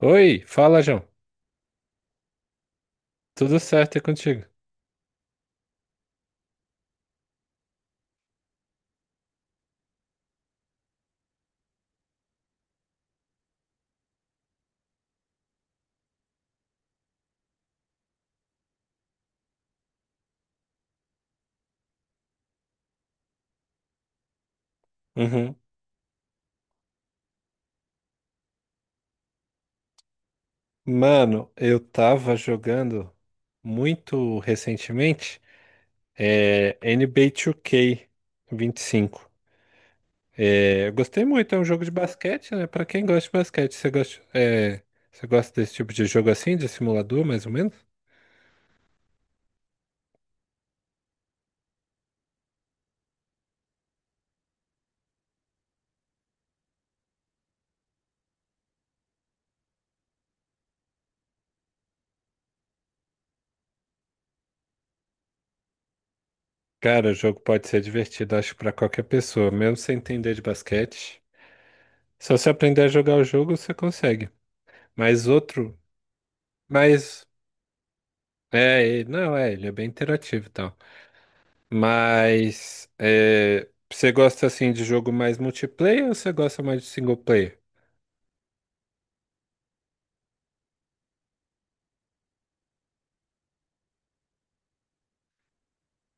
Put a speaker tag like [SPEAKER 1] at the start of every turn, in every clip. [SPEAKER 1] Oi, fala, João. Tudo certo é contigo? Uhum. Mano, eu tava jogando muito recentemente NBA 2K 25. É, eu gostei muito, é um jogo de basquete, né? Pra quem gosta de basquete, você gosta desse tipo de jogo assim, de simulador, mais ou menos? Cara, o jogo pode ser divertido, acho, pra qualquer pessoa, mesmo sem entender de basquete. Só se aprender a jogar o jogo, você consegue. Mas outro, mas não, ele é bem interativo e tal. Mas você gosta assim de jogo mais multiplayer ou você gosta mais de single player?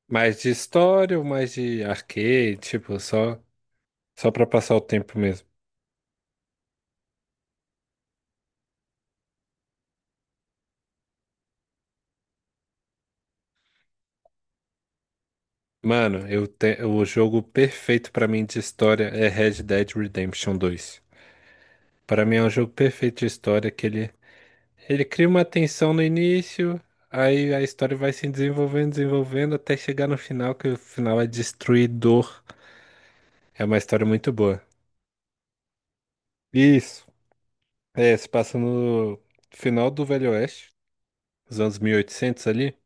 [SPEAKER 1] Mais de história ou mais de arcade, tipo, só para passar o tempo mesmo? Mano, o jogo perfeito pra mim de história é Red Dead Redemption dois. Pra mim é um jogo perfeito de história que ele cria uma tensão no início, aí a história vai se desenvolvendo, desenvolvendo até chegar no final, que o final é destruidor. É uma história muito boa. Isso. É, se passa no final do Velho Oeste, nos anos 1800 ali.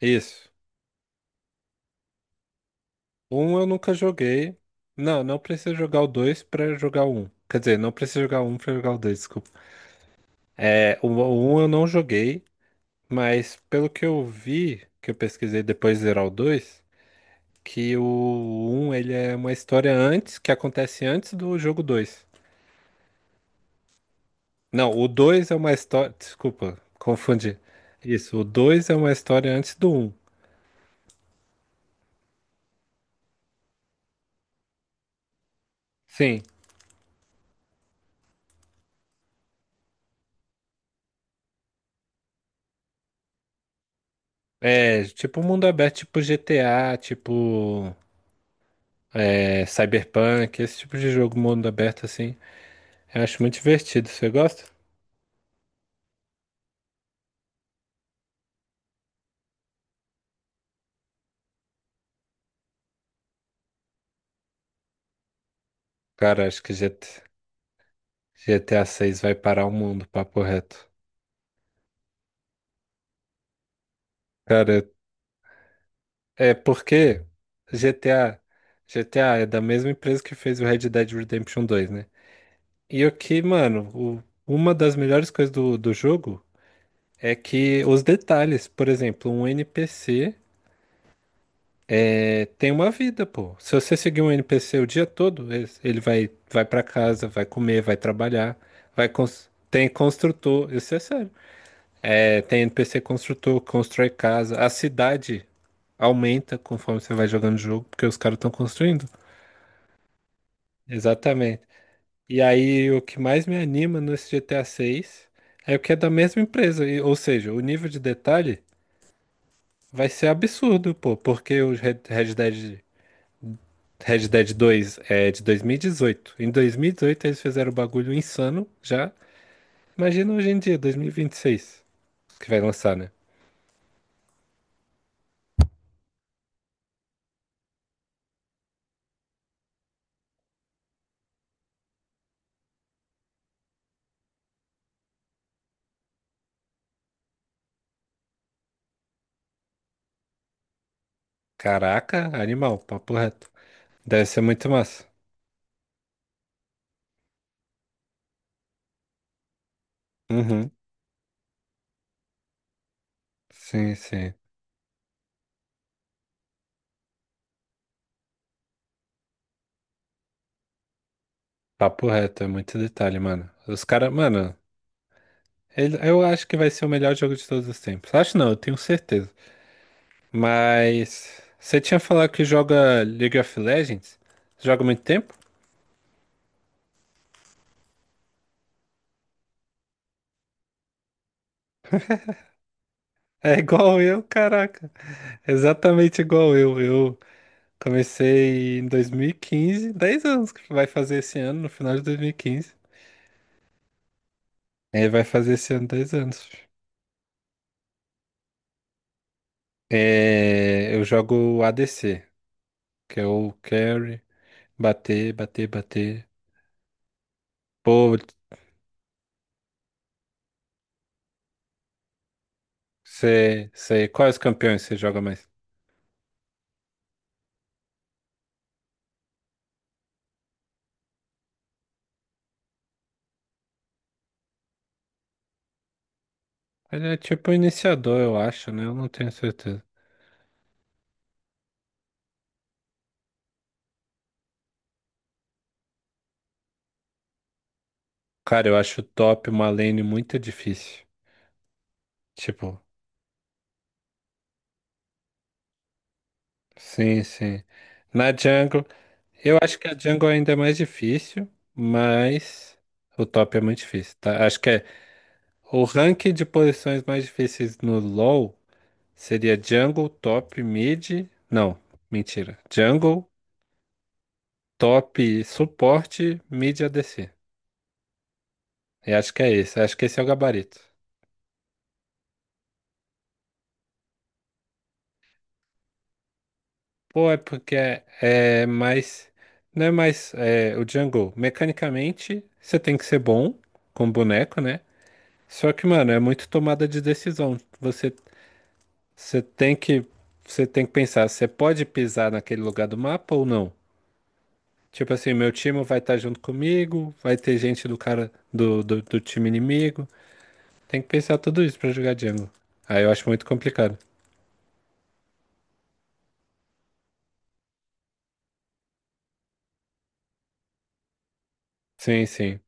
[SPEAKER 1] Isso. Um eu nunca joguei. Não, não precisa jogar o dois pra jogar o um. Quer dizer, não precisa jogar o um pra jogar o dois, desculpa. É, o um eu não joguei, mas pelo que eu vi, que eu pesquisei depois de zerar o dois, que o um ele é uma história antes, que acontece antes do jogo dois. Não, o 2 é uma história. Desculpa, confundi. Isso, o 2 é uma história antes do um. Sim. É tipo um mundo aberto, tipo GTA, tipo Cyberpunk, esse tipo de jogo, mundo aberto assim. Eu acho muito divertido. Você gosta? Cara, acho que GT GTA 6 vai parar o mundo, papo reto. Cara, é porque GTA, GTA é da mesma empresa que fez o Red Dead Redemption dois, né? E o que, mano, uma das melhores coisas do jogo é que os detalhes, por exemplo, um NPC tem uma vida, pô. Se você seguir um NPC o dia todo, ele vai, para casa, vai comer, vai trabalhar, tem construtor, isso é sério. É, tem NPC construtor, constrói casa, a cidade aumenta conforme você vai jogando o jogo, porque os caras estão construindo. Exatamente. E aí o que mais me anima nesse GTA 6 é o que é da mesma empresa, ou seja, o nível de detalhe vai ser absurdo, pô, porque o Red Dead 2 é de 2018. Em 2018 eles fizeram o bagulho insano já. Imagina hoje em dia, 2026, que vai lançar, né? Caraca, animal, papo reto. Deve ser muito massa. Uhum, sim, sim. Papo reto, é muito detalhe, mano. Os caras, mano, eu acho que vai ser o melhor jogo de todos os tempos. Acho não, eu tenho certeza. Mas você tinha falado que joga League of Legends? Joga há muito tempo? É igual eu, caraca. Exatamente igual eu. Eu comecei em 2015, 10 anos que vai fazer esse ano, no final de 2015. É, vai fazer esse ano 10 anos. É, eu jogo ADC, que é o carry, bater, bater, bater. Pô, quais campeões você joga mais? Ele é tipo iniciador, eu acho, né? Eu não tenho certeza. Cara, eu acho top uma lane muito difícil. Tipo, sim, sim. Na jungle. Eu acho que a jungle ainda é mais difícil, mas o top é muito difícil, tá? Acho que é o rank de posições mais difíceis no LoL seria jungle, top, mid. Não, mentira. Jungle, top, suporte, mid ADC. Eu acho que é esse. Acho que esse é o gabarito. Pô, é porque é mais. Não é mais. O jungle, mecanicamente, você tem que ser bom com boneco, né? Só que, mano, é muito tomada de decisão. Você tem que, você tem que pensar, você pode pisar naquele lugar do mapa ou não? Tipo assim, meu time vai estar junto comigo, vai ter gente do cara do time inimigo. Tem que pensar tudo isso pra jogar jungle. Aí eu acho muito complicado. Sim, sim.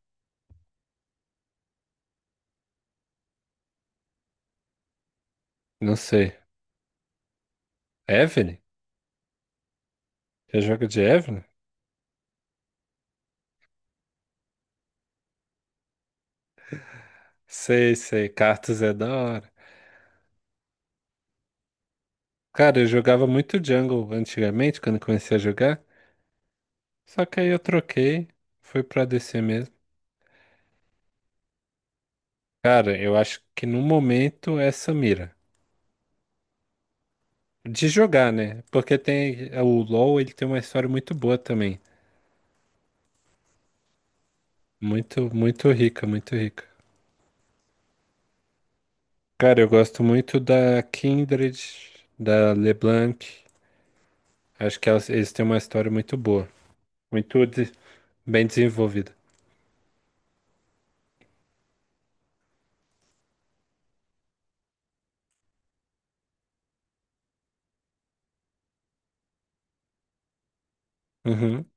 [SPEAKER 1] Não sei. Evelyn? Já joga de Evelyn? Sei, sei. Cartas é da hora. Cara, eu jogava muito Jungle antigamente, quando eu comecei a jogar. Só que aí eu troquei, fui pra DC mesmo. Cara, eu acho que no momento é Samira. De jogar, né? Porque tem o LoL, ele tem uma história muito boa também. Muito, muito rica, muito rica. Cara, eu gosto muito da Kindred, da LeBlanc. Acho que elas, eles têm uma história muito boa. Muito de- Bem desenvolvida. Uhum.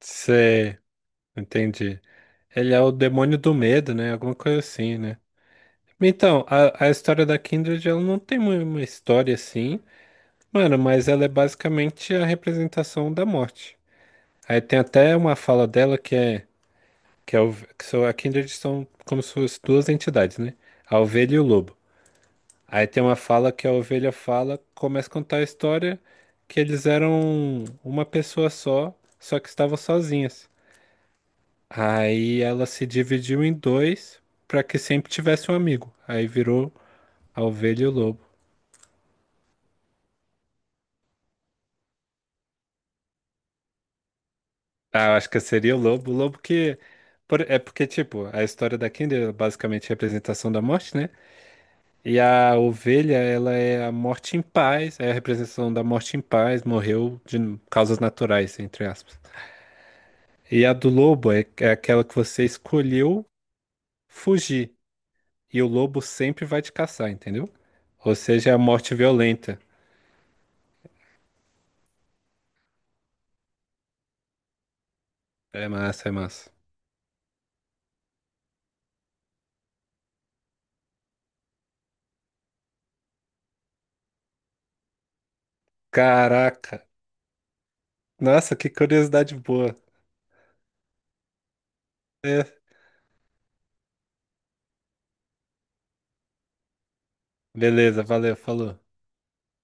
[SPEAKER 1] Cê, Entendi. Ele é o demônio do medo, né? Alguma coisa assim, né? Então, a história da Kindred, ela não tem uma história assim, mano, mas ela é basicamente a representação da morte. Aí tem até uma fala dela que, é, o- que são, a Kindred são como se fossem duas entidades, né? A ovelha e o lobo. Aí tem uma fala que a ovelha fala, começa a contar a história que eles eram uma pessoa só, só que estavam sozinhas. Aí ela se dividiu em dois para que sempre tivesse um amigo. Aí virou a ovelha e o lobo. Ah, eu acho que seria o lobo. O lobo que. É porque, tipo, a história da Kindred é basicamente a representação da morte, né? E a ovelha, ela é a morte em paz, é a representação da morte em paz, morreu de causas naturais, entre aspas. E a do lobo é aquela que você escolheu fugir, e o lobo sempre vai te caçar, entendeu? Ou seja, é a morte violenta. É massa, é massa. Caraca! Nossa, que curiosidade boa. É, beleza, valeu, falou.